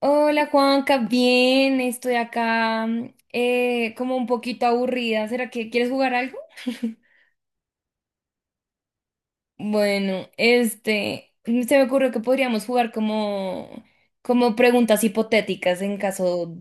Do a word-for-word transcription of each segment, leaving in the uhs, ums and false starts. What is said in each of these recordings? Hola Juanca, bien, estoy acá mm, eh, como un poquito aburrida. ¿Será que quieres jugar algo? Bueno, este, se me ocurrió que podríamos jugar como, como preguntas hipotéticas en caso,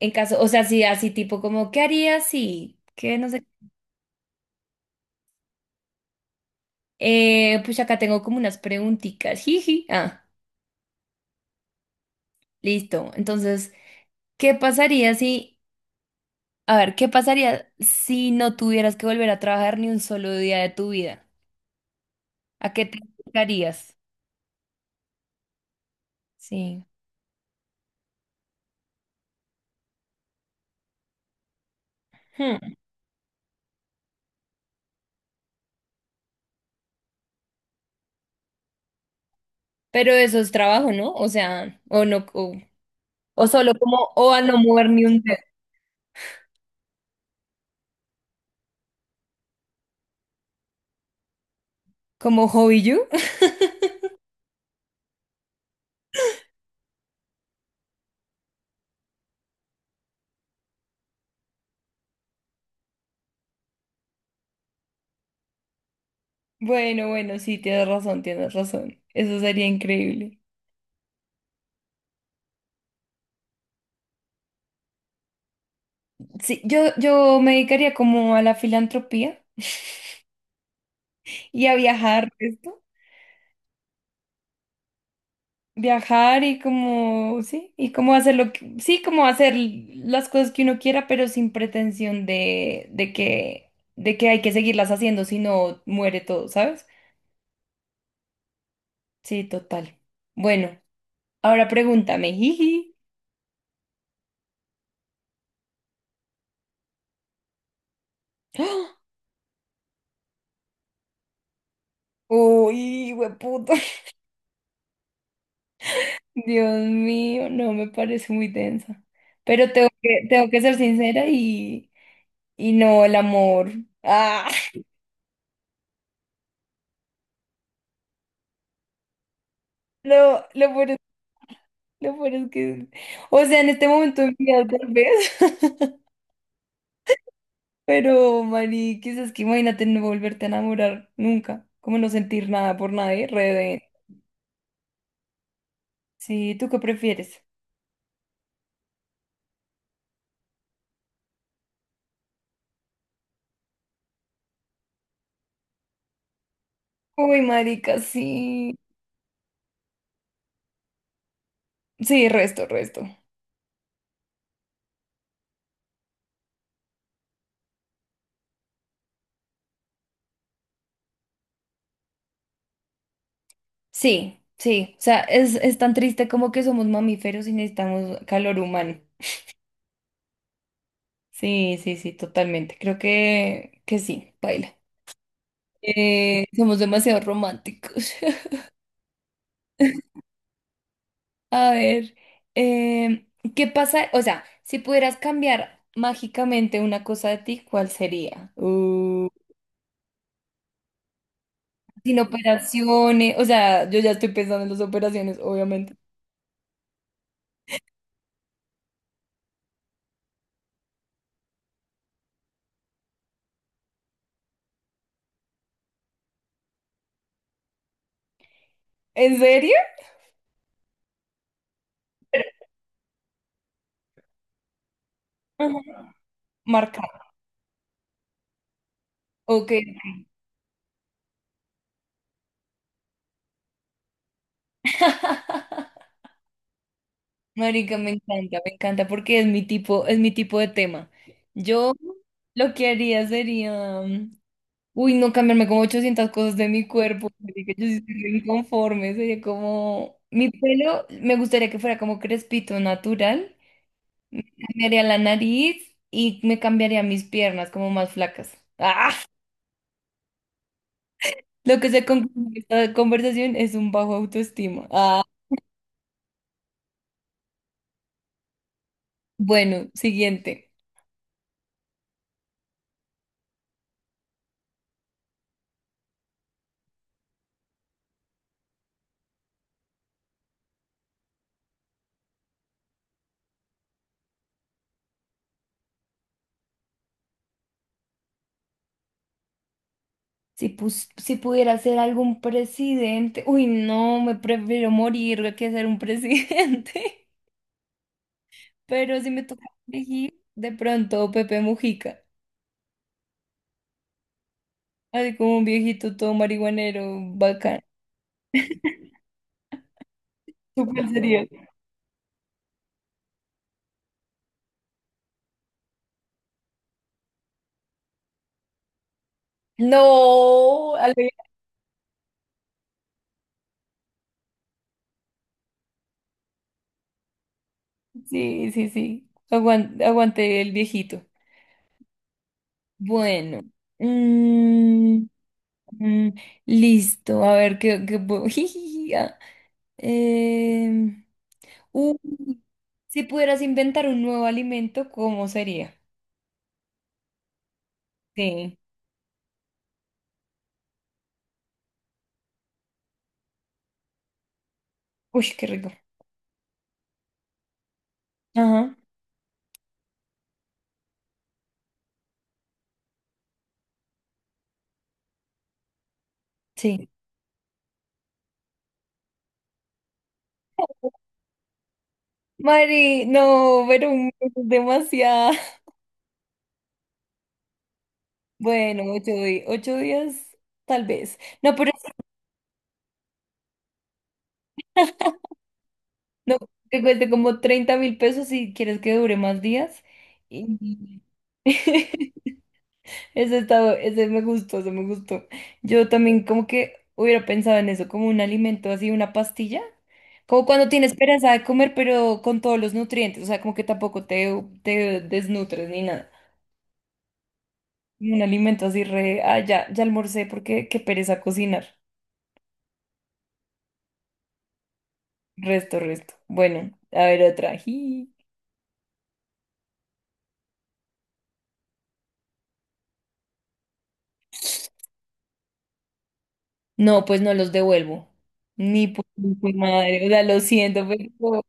en caso, o sea, sí, así tipo como, ¿qué harías si? ¿Qué no sé? Eh, pues acá tengo como unas preguntitas. Jiji. Ah, listo. Entonces, ¿qué pasaría si, a ver, ¿qué pasaría si no tuvieras que volver a trabajar ni un solo día de tu vida? ¿A qué te dedicarías? Sí. Hmm. Pero eso es trabajo, ¿no? O sea, o no, o, o solo como, o a no mover ni un dedo, como hobby you. Bueno, bueno, sí, tienes razón, tienes razón. Eso sería increíble. Sí, yo, yo me dedicaría como a la filantropía y a viajar, ¿esto? Viajar y como, sí, y como hacer lo que, sí, como hacer las cosas que uno quiera, pero sin pretensión de, de que, de que hay que seguirlas haciendo, si no muere todo, ¿sabes? Sí, total. Bueno, ahora pregúntame, jiji. ¡Ah! Uy, hueputo. Dios mío, no me parece muy densa. Pero tengo que, tengo que ser sincera y, y no el amor. Ah, lo, lo peor Lo peor es que, o sea, en este momento de mi vida tal vez, pero Mari, quizás que imagínate no volverte a enamorar nunca, como no sentir nada por nadie, re de- Sí, ¿tú qué prefieres? Uy, marica, sí. Sí, resto, resto. Sí, sí, o sea, es, es tan triste como que somos mamíferos y necesitamos calor humano. Sí, sí, sí, totalmente. Creo que, que sí, baila. Eh, somos demasiado románticos. A ver, em, ¿qué pasa? O sea, si pudieras cambiar mágicamente una cosa de ti, ¿cuál sería? Uh, Sin operaciones, o sea, yo ya estoy pensando en las operaciones, obviamente. ¿En serio? Ajá. Marcar. Ok. Marica, me encanta, me encanta, porque es mi tipo, es mi tipo de tema. Yo lo que haría sería mm, Uy, no cambiarme como ochocientas cosas de mi cuerpo, así que yo sí estoy re inconforme. Sería como, mi pelo me gustaría que fuera como crespito natural. Me cambiaría la nariz y me cambiaría mis piernas como más flacas. ¡Ah! Lo que se concluye de esta conversación es un bajo autoestima. ¡Ah! Bueno, siguiente. Si, pus- si pudiera ser algún presidente. Uy, no, me prefiero morir que ser un presidente. Pero si me toca elegir, de pronto Pepe Mujica. Así como un viejito todo marihuanero, bacán. Súper serio. No, al- sí, sí, sí. Aguan- Aguante, el viejito. Bueno. Mm, mm, listo. A ver qué, qué puedo- Jijiji, ah. Em, uy, si pudieras inventar un nuevo alimento, ¿cómo sería? Sí. Uy, qué rico. Ajá, sí. Mari, no, pero es demasiado. Bueno, ocho, di- ocho días, tal vez. No, pero es- no, que cueste como treinta mil pesos si quieres que dure más días. Y... Ese estaba, ese me gustó, ese me gustó. Yo también como que hubiera pensado en eso, como un alimento así, una pastilla. Como cuando tienes pereza de comer, pero con todos los nutrientes. O sea, como que tampoco te, te desnutres ni nada. Un alimento así re... Ah, ya, ya almorcé porque qué pereza cocinar. Resto, resto. Bueno, a ver otra. No, pues no los devuelvo. Ni por ni por madre. O sea, lo siento, pero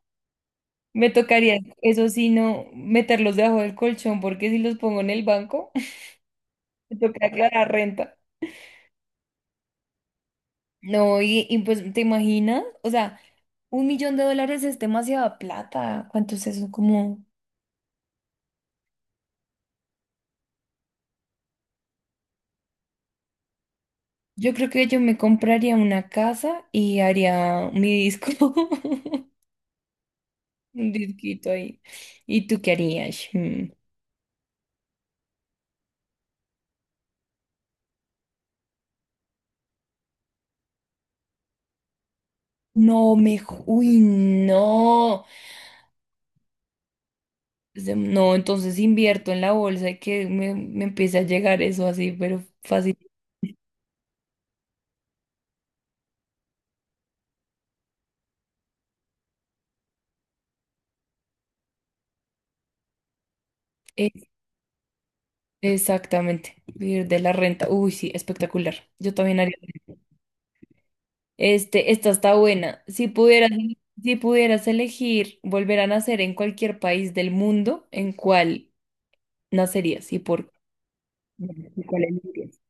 me tocaría, eso sí, no meterlos debajo del colchón, porque si los pongo en el banco, me toca aclarar renta. No, y, y pues, ¿te imaginas? O sea, un millón de dólares es demasiada plata. ¿Cuánto es eso? Como, yo creo que yo me compraría una casa y haría mi disco, un disquito ahí. ¿Y tú qué harías? Mm. No, me... ju- Uy, no. se- No, entonces invierto en la bolsa y que me, me empiece a llegar eso así, pero fácil. E- Exactamente, vivir de la renta. Uy, sí, espectacular. Yo también haría. Este, esta está buena. Si pudieras, si pudieras elegir volver a nacer en cualquier país del mundo, ¿en cuál nacerías y por qué? ¿Y cuál elegirías?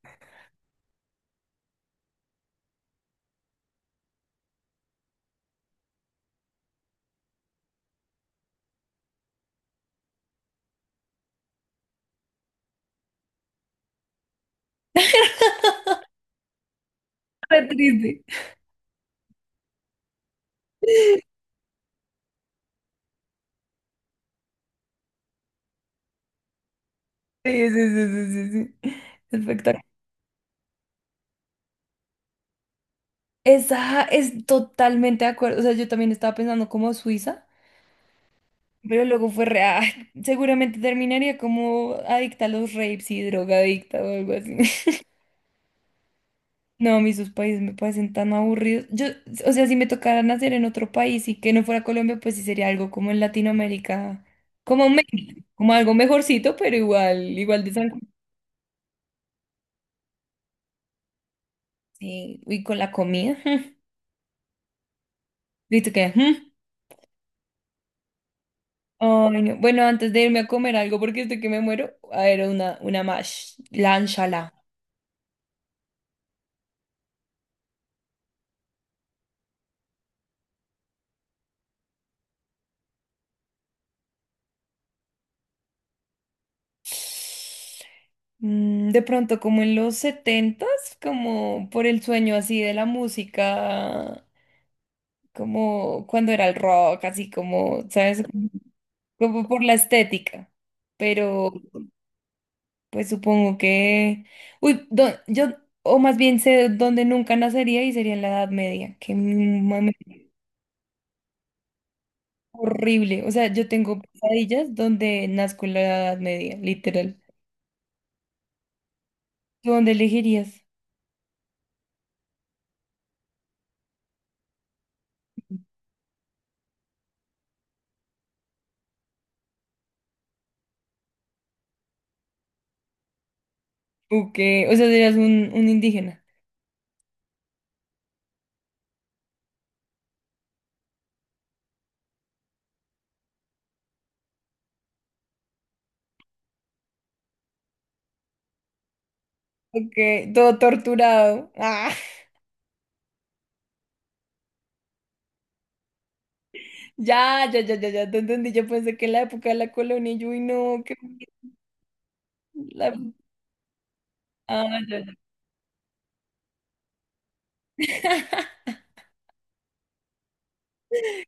Re triste. Sí, sí, sí, sí, sí, sí. Espectacular. Esa es totalmente de acuerdo. O sea, yo también estaba pensando como Suiza. Pero luego fue re, ah, seguramente terminaría como adicta a los rapes y drogadicta o algo así. No, a mí sus países me parecen tan aburridos. Yo, o sea, si me tocara nacer en otro país y que no fuera Colombia, pues sí sería algo como en Latinoamérica, como México, como algo mejorcito, pero igual, igual de sangre. Sí, y con la comida. ¿Viste que? ¿Mm? Ay, no. Bueno, antes de irme a comer algo, porque estoy que me muero, a ver, una, una mash, la Mm, de pronto, como en los setentas, como por el sueño así de la música, como cuando era el rock, así como, ¿sabes? Ujú. Como por la estética. Pero, pues supongo que... Uy, do- yo, o más bien sé dónde nunca nacería y sería en la Edad Media, que mami, horrible. O sea, yo tengo pesadillas donde nazco en la Edad Media, literal. ¿Tú dónde elegirías? ¿O qué? O sea, serías un, un indígena. Ok, todo torturado. Ah, ya, ya, ya, ya, ya, te entendí. Yo pensé que en la época de la colonia, yo, uy, no, qué... la- Ah, ya, ya.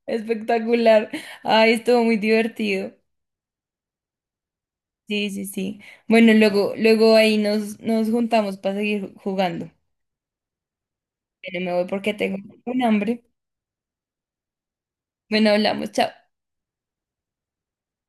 Espectacular. Ay, estuvo muy divertido. Sí, sí, sí. Bueno, luego, luego ahí nos, nos juntamos para seguir jugando. Pero me voy porque tengo un hambre. Bueno, hablamos, chao.